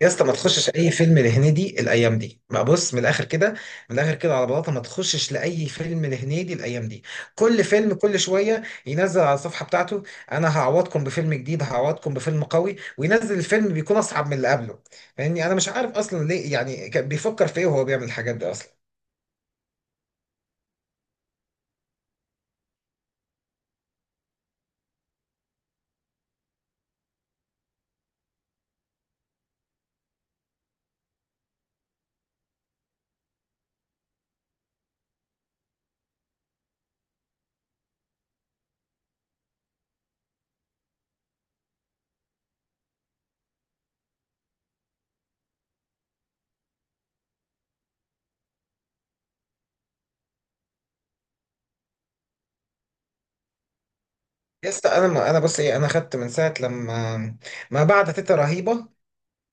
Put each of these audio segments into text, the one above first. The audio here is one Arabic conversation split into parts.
يا اسطى، ما تخشش اي فيلم لهنيدي الايام دي بقى. بص من الاخر كده، من الاخر كده على بلاطه، ما تخشش لاي فيلم لهنيدي الايام دي. كل فيلم كل شويه ينزل على الصفحه بتاعته: انا هعوضكم بفيلم جديد، هعوضكم بفيلم قوي، وينزل الفيلم بيكون اصعب من اللي قبله. فاهمني؟ انا مش عارف اصلا ليه، يعني كان بيفكر في ايه وهو بيعمل الحاجات دي اصلا؟ يا اسطى انا، ما انا بص ايه، انا خدت من ساعه لما ما بعد تيتا رهيبه،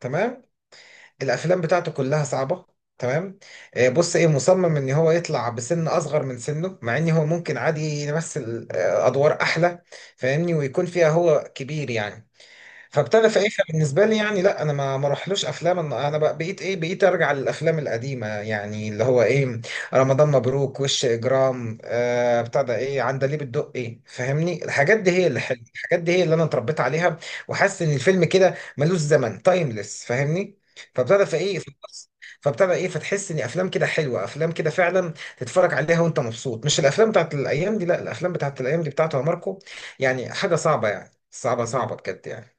تمام. الافلام بتاعته كلها صعبه، تمام. بص ايه، مصمم ان هو يطلع بسن اصغر من سنه، مع ان هو ممكن عادي يمثل ادوار احلى، فاهمني؟ ويكون فيها هو كبير يعني. فابتدى في ايه بالنسبه لي يعني، لا انا ما راحلوش افلام. انا بقى بقيت ايه، بقيت ارجع للافلام القديمه يعني، اللي هو ايه: رمضان مبروك، وش اجرام، بتاع ده ايه، عندليب الدقي. فاهمني؟ الحاجات دي هي اللي حلوه، الحاجات دي هي اللي انا اتربيت عليها، وحاسس ان الفيلم كده ملوش زمن، تايمليس، فاهمني؟ فابتدى في ايه، فابتدى ايه، فتحس ان افلام كده حلوه، افلام كده فعلا تتفرج عليها وانت مبسوط، مش الافلام بتاعت الايام دي. لا، الافلام بتاعت الايام دي بتاعته يا ماركو، يعني حاجه صعبه يعني، صعبه صعبه بجد يعني.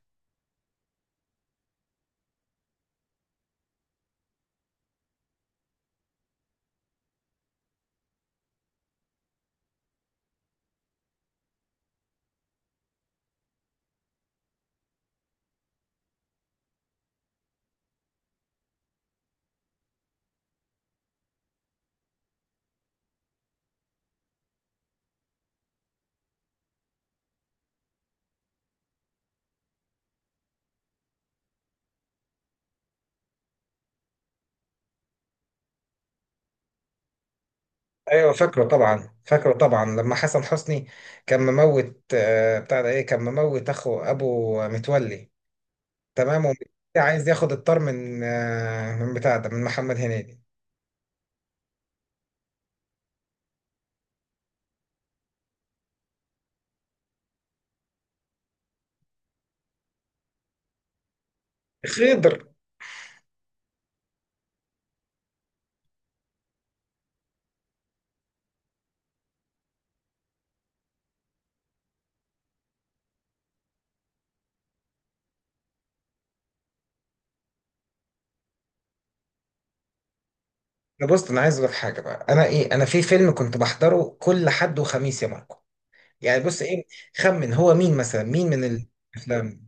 ايوه فاكره طبعا، فاكره طبعا. لما حسن حسني كان مموت بتاع ده ايه، كان مموت اخو ابو متولي، تمام. ومتولي عايز ياخد الطار من من بتاع ده، من محمد هنيدي، خضر. ده بص، انا عايز اقول لك حاجه بقى، انا ايه، انا في فيلم كنت بحضره كل حد وخميس يا ماركو. يعني بص ايه، خمن هو مين مثلا، مين من الافلام؟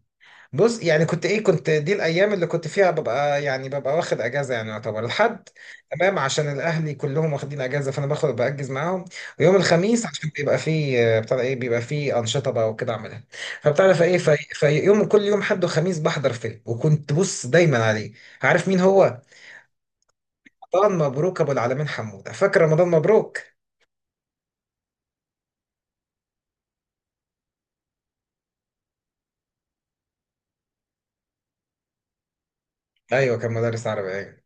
بص يعني كنت ايه، كنت دي الايام اللي كنت فيها ببقى يعني، ببقى واخد اجازه يعني، يعتبر الحد، تمام، عشان الاهلي كلهم واخدين اجازه فانا باخد باجز معاهم. ويوم الخميس عشان بيبقى فيه بتاع ده ايه، بيبقى فيه انشطه بقى وكده اعملها. فبتعرف ايه، في يوم، كل يوم حد وخميس بحضر فيلم، وكنت بص دايما عليه. عارف مين هو؟ رمضان مبروك، ابو العالمين حموده. فاكر رمضان مبروك؟ ايوه كان مدرس عربي، ايوه.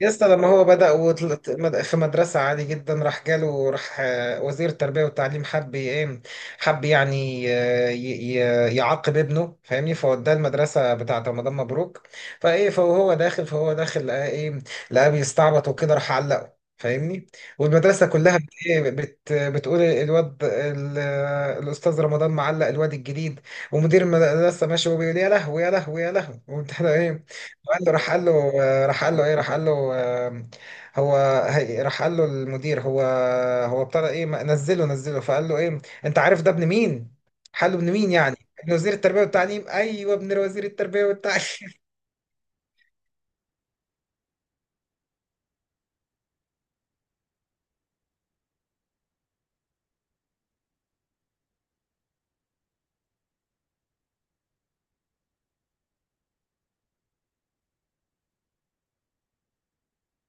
يا اسطى، لما هو بدأ في مدرسة عادي جدا، راح جاله، راح وزير التربية والتعليم، حب ايه، حب يعني، يعاقب ابنه فاهمني، فوداه المدرسة بتاعة رمضان مبروك. فايه، فهو داخل، فهو داخل لقى ايه، لقاه بيستعبط وكده، راح علقه فاهمني. والمدرسة كلها بت إيه بت بتقول الواد الأستاذ رمضان معلق الواد الجديد. ومدير المدرسة ماشي وبيقول: يا لهوي، يا لهوي، يا لهوي، وبتاع ده ايه. قال له، راح قال له راح قال له ايه، راح قال له هو، راح قال له المدير: هو ابتدى ايه نزله نزله، فقال له ايه: انت عارف ده ابن مين؟ قال له: ابن مين يعني؟ ابن وزير التربيه والتعليم، ايوه ابن وزير التربيه والتعليم.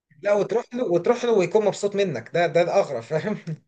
لا وتروح له، وتروح له ويكون مبسوط منك، ده الاغرب، فاهم؟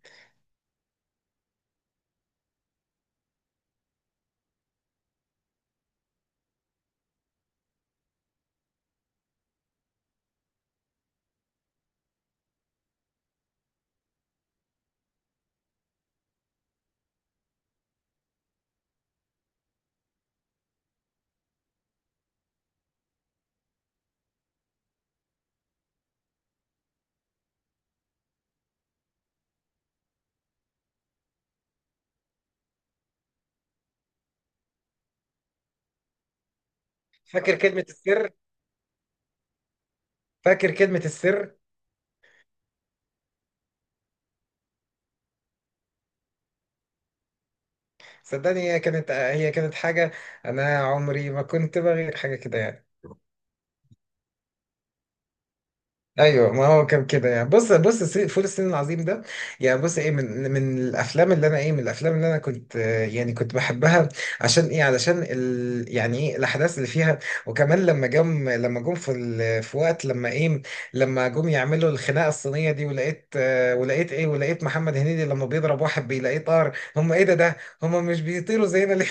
فاكر كلمه السر؟ فاكر كلمه السر؟ صدقني، هي كانت حاجه، انا عمري ما كنت بغير حاجه كده يعني. ايوه ما هو كان كده يعني. بص فول الصين العظيم ده، يعني بص ايه، من الافلام اللي انا ايه، من الافلام اللي انا كنت يعني كنت بحبها، عشان ايه، علشان ال، يعني ايه، الاحداث اللي فيها. وكمان لما جم، لما جم في ال، في وقت لما ايه، لما جم يعملوا الخناقه الصينيه دي، ولقيت ولقيت ايه، ولقيت محمد هنيدي لما بيضرب واحد بيلاقيه طار. هم ايه ده هم مش بيطيروا زينا ليه؟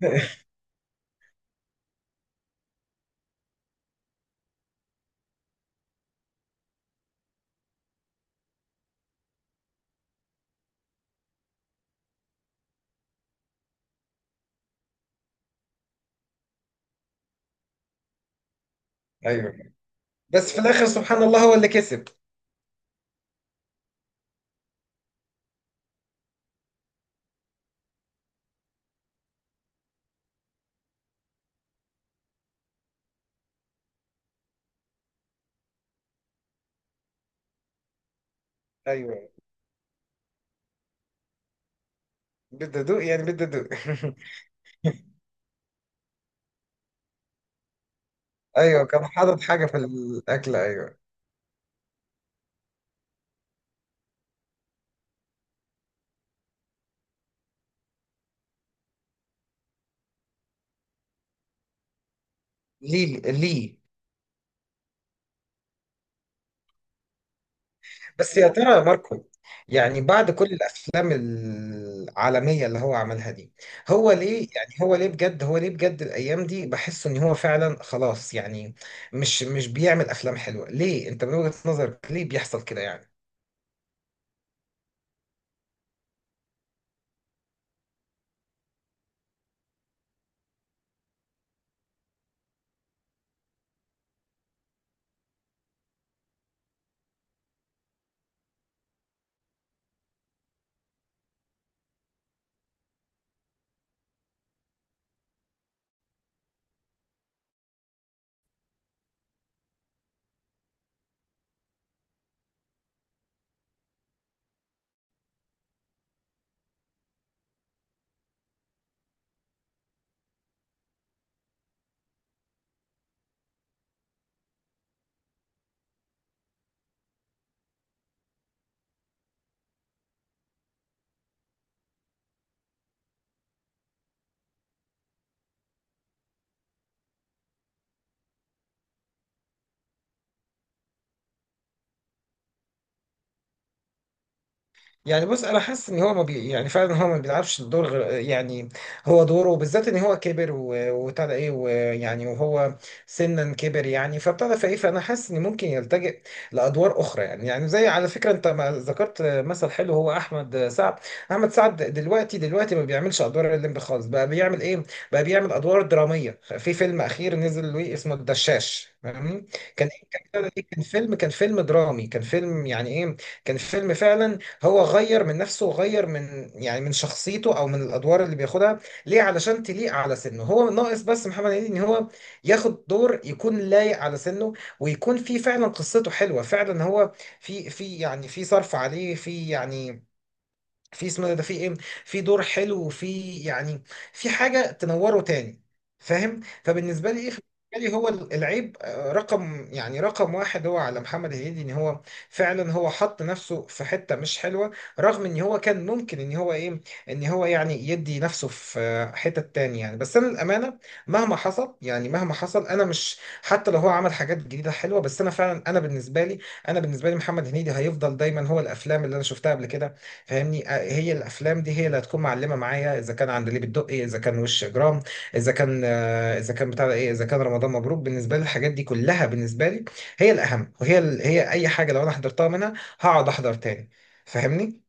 ايوه بس في الاخر سبحان الله هو اللي كسب. ايوه، بالدقدوق يعني، بالدقدوق. ايوه كان حاطط حاجه في الاكل، ايوه. ليه ليه؟ بس يا ترى يا ماركو، يعني بعد كل الافلام العالميه اللي هو عملها دي، هو ليه يعني، هو ليه بجد، هو ليه بجد الايام دي بحس ان هو فعلا خلاص يعني، مش مش بيعمل افلام حلوه، ليه؟ انت من وجهه نظرك ليه بيحصل كده يعني؟ يعني بص، انا حاسس ان هو ما بي، يعني فعلا هو ما بيلعبش الدور غير يعني، هو دوره بالذات ان هو كبر وابتدى ايه، ويعني وهو سنا كبر يعني، فابتدى فايه، فانا حاسس ان ممكن يلتجئ لادوار اخرى يعني زي، على فكره انت ما ذكرت مثل حلو، هو احمد سعد. احمد سعد دلوقتي ما بيعملش ادوار الليمبي خالص، بقى بيعمل ايه، بقى بيعمل ادوار دراميه في فيلم اخير نزل له اسمه الدشاش، فاهمني. كان، كان فيلم، كان فيلم درامي، كان فيلم يعني ايه، كان فيلم فعلا. هو غير من نفسه، وغير من يعني من شخصيته او من الادوار اللي بياخدها، ليه، علشان تليق على سنه. هو ناقص بس محمد هنيدي ان هو ياخد دور يكون لايق على سنه، ويكون فيه فعلا قصته حلوه فعلا، هو في، في يعني، في صرف عليه، في يعني، في اسمه ده في ايه، في دور حلو، وفي يعني في حاجه تنوره تاني، فاهم؟ فبالنسبه لي ايه، بالنسبه لي هو العيب رقم يعني رقم واحد هو على محمد هنيدي، ان هو فعلا هو حط نفسه في حته مش حلوه، رغم ان هو كان ممكن ان هو ايه، ان هو يعني يدي نفسه في حته تانية يعني. بس انا للامانه مهما حصل، يعني مهما حصل، انا مش، حتى لو هو عمل حاجات جديده حلوه، بس انا فعلا انا بالنسبه لي، انا بالنسبه لي محمد هنيدي هيفضل دايما هو الافلام اللي انا شفتها قبل كده، فاهمني؟ هي الافلام دي هي اللي هتكون معلمه معايا، اذا كان عندليب الدقي، اذا كان وش اجرام، اذا كان اذا كان بتاع ده ايه، اذا كان رمضان مبروك. بالنسبه لي الحاجات دي كلها بالنسبه لي هي الاهم، وهي هي اي حاجه لو انا حضرتها منها هقعد احضر تاني، فاهمني.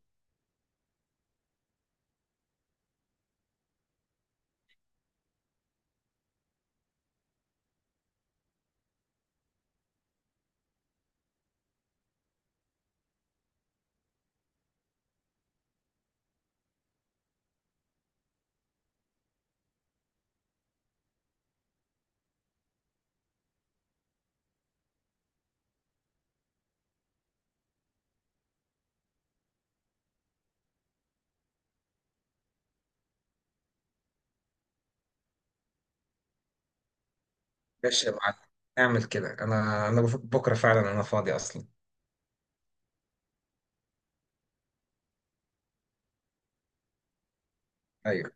ماشي يا معلم، اعمل كده. انا بكره فعلا انا فاضي اصلا، ايوه.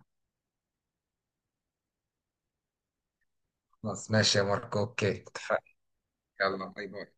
خلاص ماشي يا ماركو، اوكي، اتفقنا. يلا باي باي.